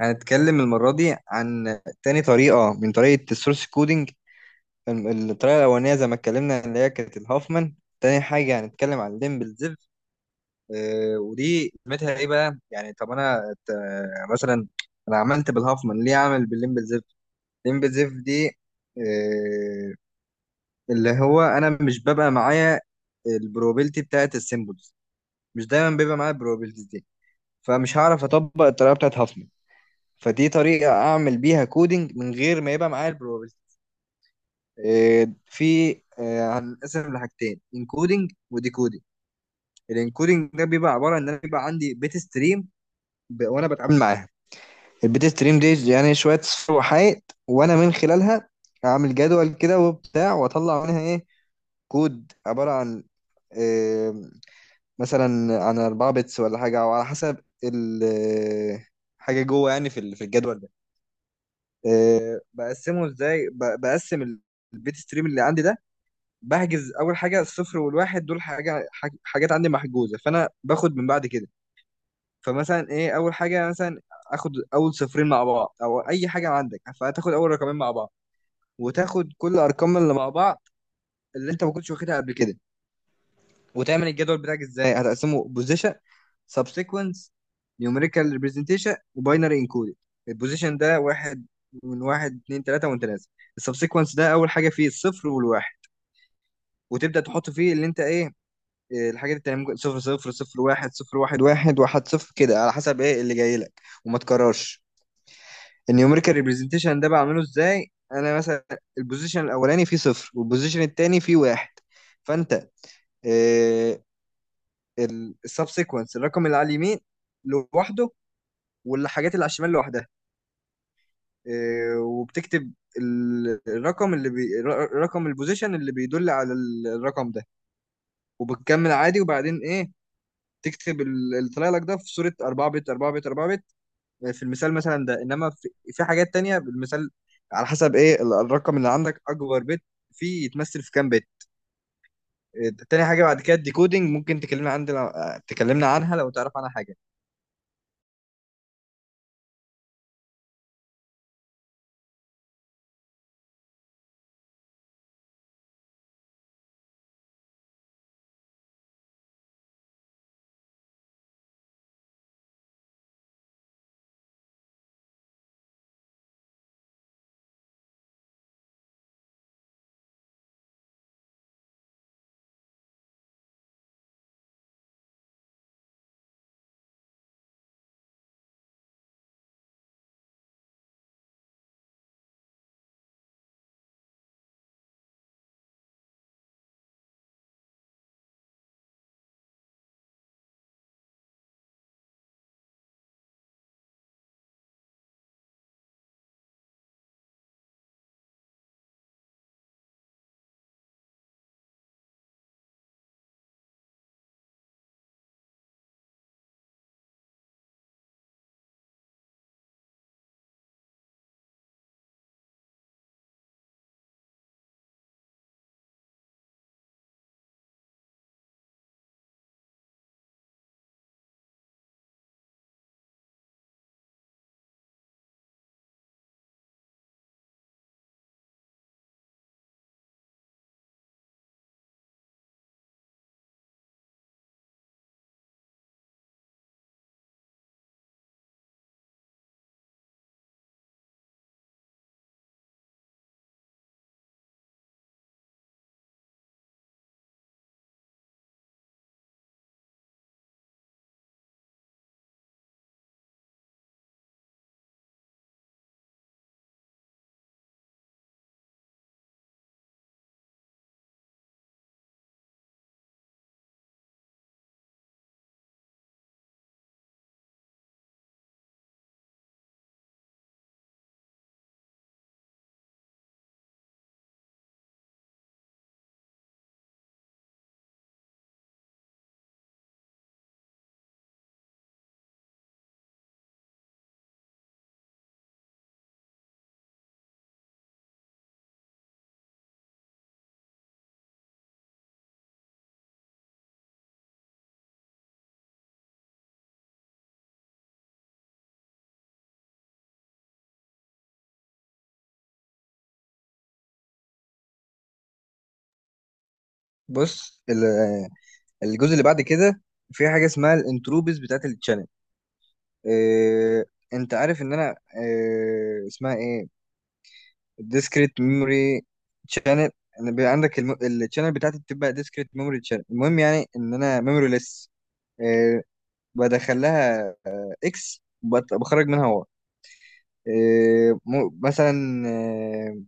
هنتكلم المرة دي عن تاني طريقة من طريقة السورس كودينج. الطريقة الأولانية زي ما اتكلمنا اللي هي كانت الهوفمان. تاني حاجة هنتكلم عن ليمبل زيف. ودي قيمتها ايه بقى؟ يعني طب أنا آه، مثلا أنا عملت بالهوفمان ليه أعمل بالليمبل زيف؟ ليمبل زيف دي آه، اللي هو أنا مش ببقى معايا البروبابيلتي بتاعت السيمبلز، مش دايما بيبقى معايا البروبابيلتي دي، فمش هعرف أطبق الطريقة بتاعت هوفمان، فدي طريقة أعمل بيها كودينج من غير ما يبقى معايا البروبابيلتي. في آه، هنقسم لحاجتين: انكودينج وديكودينج. الانكودينج ده بيبقى عبارة إن أنا بيبقى عندي بيت ستريم، وأنا بتعامل معاها. البيت ستريم دي يعني شوية صفر وحائط، وأنا من خلالها أعمل جدول كده وبتاع، وأطلع منها إيه كود عبارة عن آه، مثلا عن 4 بتس ولا حاجة، أو على حسب ال- آه، حاجة جوه، يعني في الجدول. بقسمه ازاي؟ بقسم البيت ستريم اللي عندي ده، بحجز اول حاجه الصفر والواحد دول، حاجات عندي محجوزه، فانا باخد من بعد كده. فمثلا ايه اول حاجه، مثلا اخد اول صفرين مع بعض، او اي حاجه عندك فهتاخد اول رقمين مع بعض، وتاخد كل الارقام اللي مع بعض اللي انت ما كنتش واخدها قبل كده. وتعمل الجدول بتاعك ازاي؟ هتقسمه بوزيشن، سبسيكونس، نيوميريكال ريبريزنتيشن، وباينري انكودد. البوزيشن ده واحد، من واحد اتنين تلاته وانت نازل. السبسيكونس ده اول حاجه فيه الصفر والواحد، وتبدا تحط فيه اللي انت ايه إيه الحاجات التانية، ممكن صفر صفر، صفر واحد، صفر واحد واحد، واحد صفر، كده على حسب ايه اللي جاي لك، وما تكررش. النيوميريكال ريبريزنتيشن ده بعمله ازاي؟ انا مثلا البوزيشن الاولاني فيه صفر، والبوزيشن التاني فيه واحد، فانت آه، السب سيكونس الرقم اللي على اليمين لوحده، والحاجات اللي على الشمال لوحدها. إيه، وبتكتب الرقم اللي رقم البوزيشن اللي بيدل على الرقم ده. وبتكمل عادي، وبعدين ايه؟ تكتب اللي طالع لك ده في صورة 4 بت 4 بت 4 بت. في المثال مثلا ده، انما في حاجات تانية بالمثال، على حسب ايه الرقم اللي عندك اكبر بت فيه يتمثل في كام بت. إيه، تاني حاجة بعد كده الديكودينج، ممكن تكلمنا عندنا، تكلمنا عنها لو تعرف عنها حاجة. بص، الجزء اللي بعد كده في حاجه اسمها الانتروبيز بتاعت التشانل. إيه، انت عارف ان انا إيه اسمها ايه الديسكريت ميموري تشانل؟ ان بيبقى عندك التشانل بتاعتي بتبقى ديسكريت ميموري تشانل، المهم يعني ان انا ميموري ليس. إيه، بدخل لها اكس، بخرج منها واي. إيه، مثلا إيه،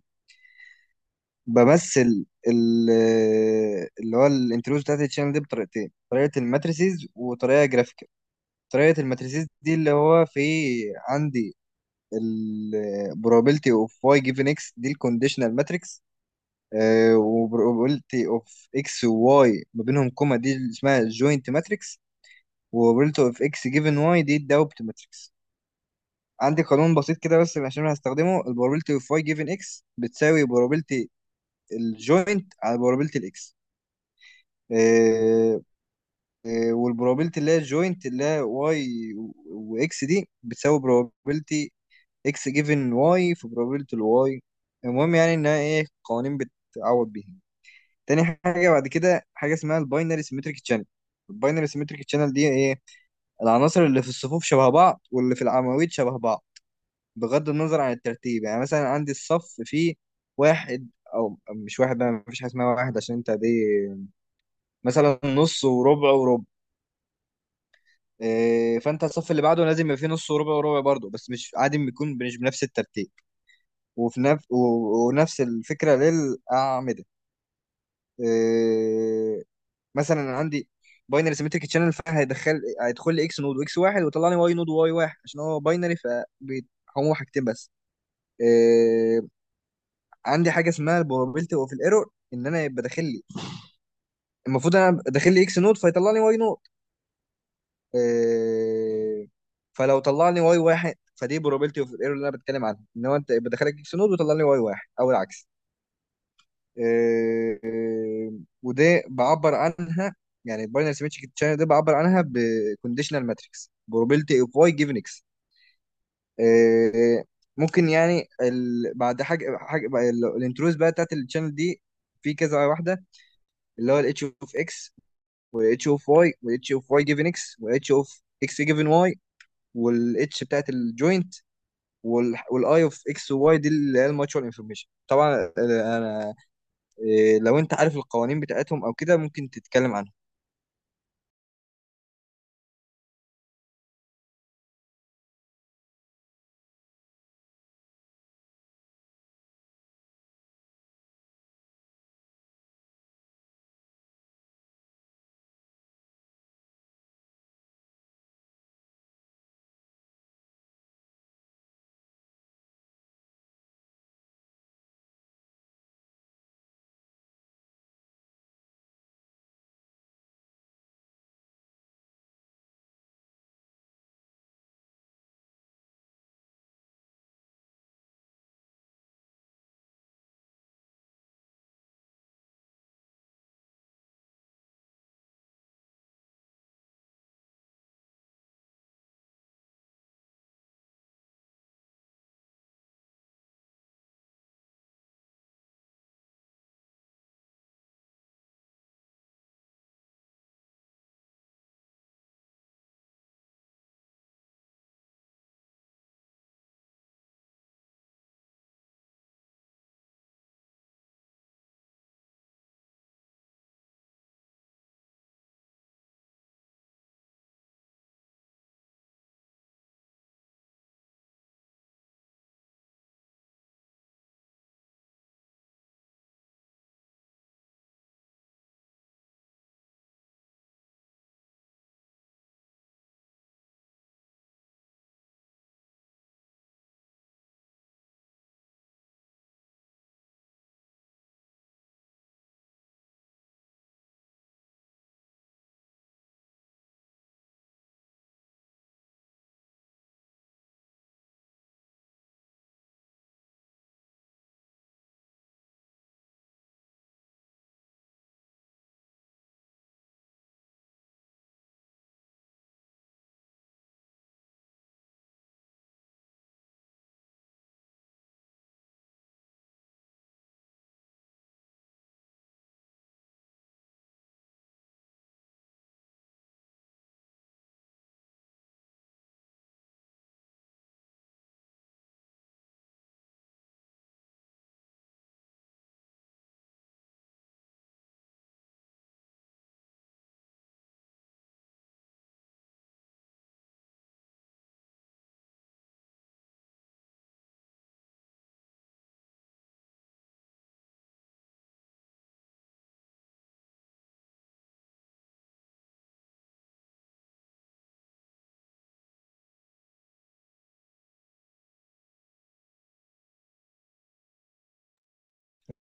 بمثل اللي هو الانتروبيز بتاعت التشانل دي بطريقتين: طريقه الماتريسيز وطريقه جرافيك. طريقة الماتريسيس دي اللي هو في عندي ال probability of y given x، دي الكونديشنال ماتريكس. و probability of x و y ما بينهم كوما، دي اللي اسمها joint ماتريكس. و probability of x given y دي الدوبت ماتريكس. عندي قانون بسيط كده، بس عشان أنا هستخدمه: ال probability of y given x بتساوي probability الجوينت على probability الاكس. والبروبابيلتي اللي هي الجوينت اللي هي واي واكس دي بتساوي بروبابيلتي اكس جيفن واي في بروبابيلتي الواي. المهم يعني انها ايه قوانين بتعوض بيها. تاني حاجه بعد كده حاجه اسمها الباينري سيمتريك تشانل. الباينري سيمتريك تشانل دي ايه؟ العناصر اللي في الصفوف شبه بعض، واللي في العواميد شبه بعض، بغض النظر عن الترتيب. يعني مثلا عندي الصف فيه واحد، او مش واحد بقى، مفيش حاجه اسمها واحد عشان انت دي مثلا نص وربع وربع. إيه، فانت الصف اللي بعده لازم يبقى فيه نص وربع وربع برضه، بس مش عادي، بيكون مش بنفس الترتيب، وفي نفس ونفس الفكره للاعمده. إيه، مثلا أنا عندي باينري سيمتريك تشانل، فهيدخل لي اكس نود واكس واحد، ويطلع لي واي نود وواي واحد، عشان هو باينري فهو حاجتين بس. إيه، عندي حاجه اسمها البروبابيلتي اوف الايرور، ان انا يبقى داخل لي، المفروض انا داخل لي اكس نود فيطلع لي واي نود. إيه، فلو طلع لي واي واحد فدي بروبابيلتي اوف الايرور اللي انا بتكلم عنها، ان هو انت بدخلك اكس نود وطلع لي واي واحد، او العكس. إيه، إيه، ودي بعبر عنها يعني، الباينري سيمتريك تشانل دي بعبر عنها بكونديشنال ماتريكس بروبابيلتي اوف واي جيفن اكس. ممكن يعني بعد حاجه حاجه بقى الانتروز بقى بتاعت التشانل دي في كذا واحده، اللي هو الاتش اوف اكس، والاتش اوف واي، والاتش اوف واي جيفن اكس، والاتش اوف اكس جيفن واي، والاتش بتاعت الجوينت، والاي اوف اكس وواي، دي اللي هي الماتشوال انفورميشن. طبعا انا إيه، لو انت عارف القوانين بتاعتهم او كده ممكن تتكلم عنها.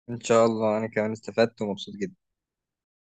ان شاء الله، انا كمان استفدت ومبسوط جدا.